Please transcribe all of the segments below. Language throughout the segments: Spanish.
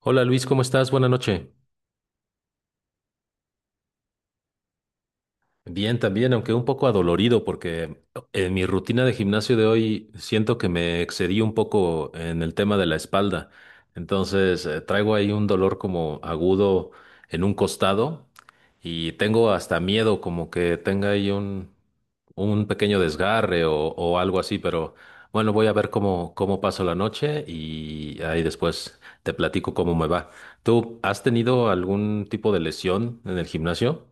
Hola Luis, ¿cómo estás? Buenas noches. Bien, también, aunque un poco adolorido, porque en mi rutina de gimnasio de hoy siento que me excedí un poco en el tema de la espalda. Entonces, traigo ahí un dolor como agudo en un costado y tengo hasta miedo como que tenga ahí un pequeño desgarre o algo así, pero bueno, voy a ver cómo paso la noche y ahí después te platico cómo me va. ¿Tú has tenido algún tipo de lesión en el gimnasio?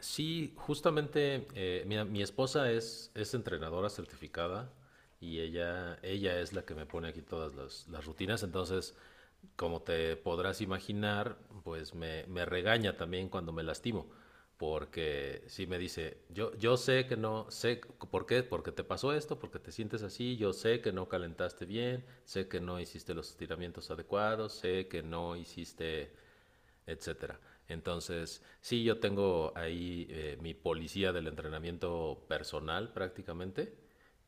Sí, justamente, mira, mi esposa es entrenadora certificada y ella es la que me pone aquí todas las rutinas, entonces, como te podrás imaginar, pues me regaña también cuando me lastimo, porque sí me dice, yo sé que no, por qué, porque te pasó esto, porque te sientes así, yo sé que no calentaste bien, sé que no hiciste los estiramientos adecuados, sé que no hiciste etcétera. Entonces, sí, yo tengo ahí mi policía del entrenamiento personal prácticamente,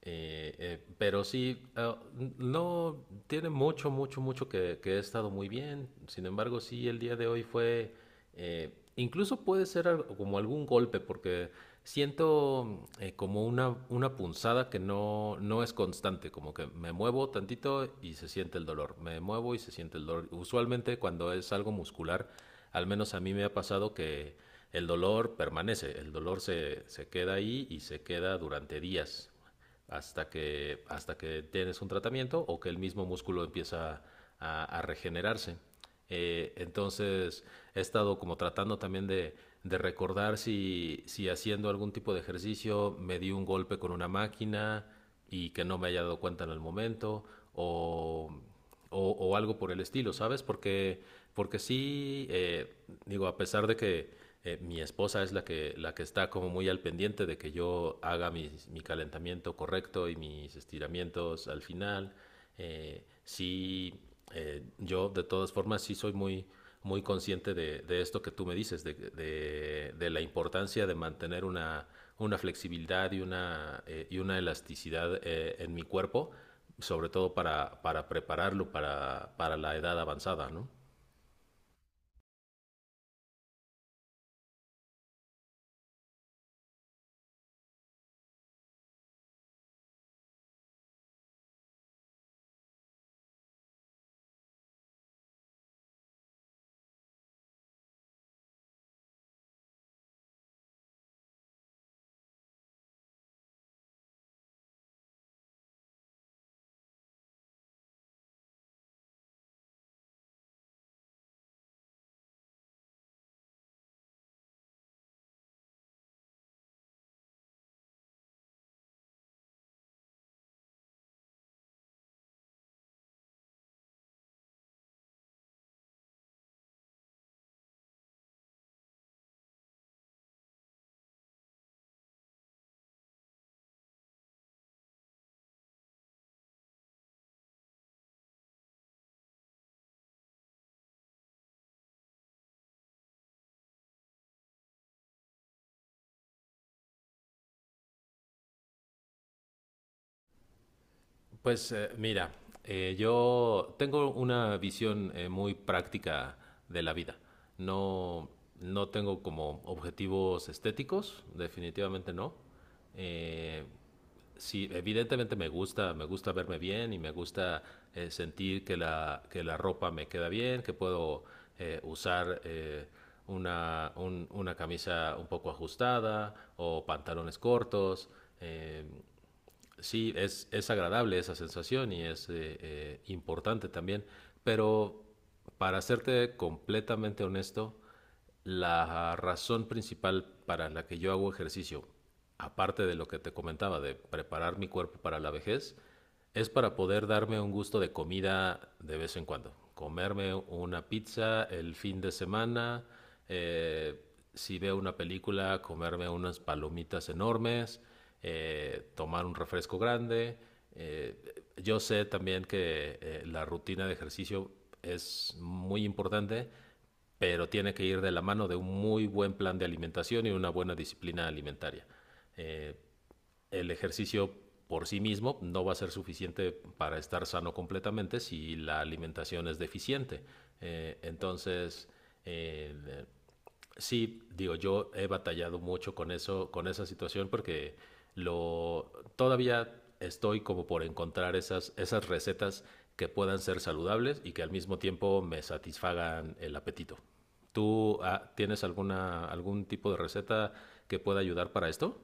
pero sí, no tiene mucho, mucho que he estado muy bien. Sin embargo, sí, el día de hoy fue incluso puede ser como algún golpe, porque siento como una punzada que no es constante, como que me muevo tantito y se siente el dolor, me muevo y se siente el dolor. Usualmente cuando es algo muscular, al menos a mí me ha pasado que el dolor permanece, el dolor se queda ahí y se queda durante días hasta hasta que tienes un tratamiento o que el mismo músculo empieza a regenerarse. Entonces he estado como tratando también de recordar si haciendo algún tipo de ejercicio me di un golpe con una máquina y que no me haya dado cuenta en el momento o o algo por el estilo, ¿sabes? Porque, porque sí, digo, a pesar de que mi esposa es la la que está como muy al pendiente de que yo haga mi calentamiento correcto y mis estiramientos al final, eh, sí, yo de todas formas sí soy muy, muy consciente de esto que tú me dices, de la importancia de mantener una flexibilidad y una elasticidad en mi cuerpo sobre todo para prepararlo para la edad avanzada, ¿no? Pues mira, yo tengo una visión muy práctica de la vida. No, no tengo como objetivos estéticos, definitivamente no. Eh, sí, evidentemente me gusta verme bien y me gusta sentir que que la ropa me queda bien, que puedo usar una camisa un poco ajustada o pantalones cortos. eh, Sí, es agradable esa sensación y es importante también, pero para serte completamente honesto, la razón principal para la que yo hago ejercicio, aparte de lo que te comentaba, de preparar mi cuerpo para la vejez, es para poder darme un gusto de comida de vez en cuando. Comerme una pizza el fin de semana, eh, si veo una película, comerme unas palomitas enormes, tomar un refresco grande. Eh, yo sé también que la rutina de ejercicio es muy importante, pero tiene que ir de la mano de un muy buen plan de alimentación y una buena disciplina alimentaria. Eh, el ejercicio por sí mismo no va a ser suficiente para estar sano completamente si la alimentación es deficiente. Eh, entonces, eh, sí, digo, yo he batallado mucho con eso, con esa situación, porque lo todavía estoy como por encontrar esas recetas que puedan ser saludables y que al mismo tiempo me satisfagan el apetito. ¿Tú tienes alguna, algún tipo de receta que pueda ayudar para esto?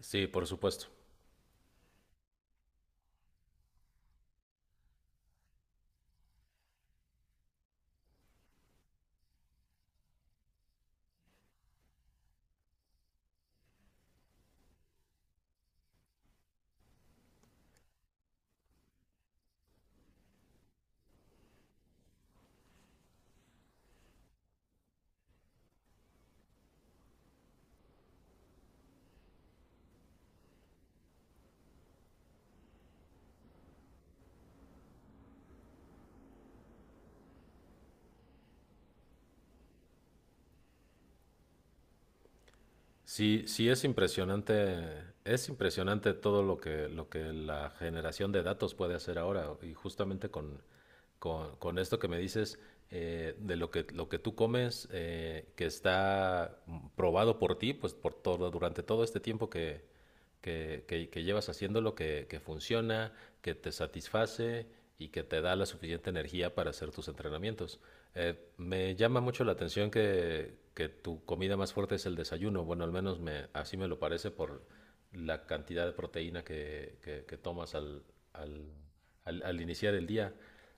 Sí, por supuesto. Sí, sí es impresionante todo lo lo que la generación de datos puede hacer ahora. Y justamente con esto que me dices, de lo lo que tú comes, que está probado por ti, pues por todo, durante todo este tiempo que llevas haciéndolo, que funciona, que te satisface y que te da la suficiente energía para hacer tus entrenamientos. Me llama mucho la atención que tu comida más fuerte es el desayuno. Bueno, al menos así me lo parece por la cantidad de proteína que tomas al- al iniciar el día.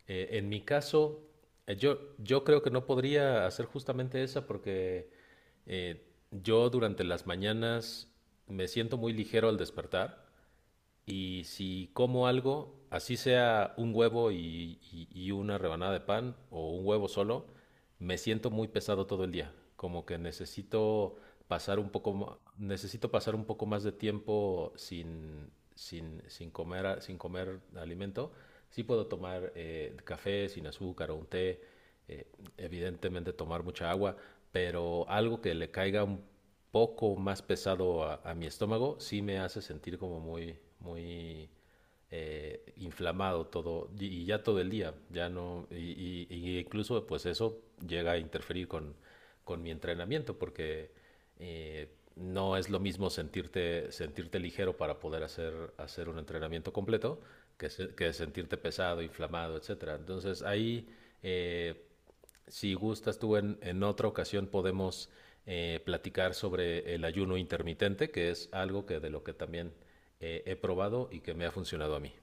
En mi caso, yo creo que no podría hacer justamente esa porque eh, yo durante las mañanas me siento muy ligero al despertar y si como algo, así sea un huevo y una rebanada de pan o un huevo solo, me siento muy pesado todo el día. Como que necesito pasar un poco, necesito pasar un poco más de tiempo sin, sin comer, sin comer alimento. Sí puedo tomar café sin azúcar o un té, eh, evidentemente tomar mucha agua, pero algo que le caiga un poco más pesado a mi estómago sí me hace sentir como muy, muy inflamado todo y ya todo el día, ya no, y incluso pues eso llega a interferir con mi entrenamiento porque eh, no es lo mismo sentirte, sentirte ligero para poder hacer, hacer un entrenamiento completo que sentirte pesado, inflamado, etcétera. Entonces ahí eh, si gustas tú en otra ocasión podemos platicar sobre el ayuno intermitente, que es algo que de lo que también he probado y que me ha funcionado a mí.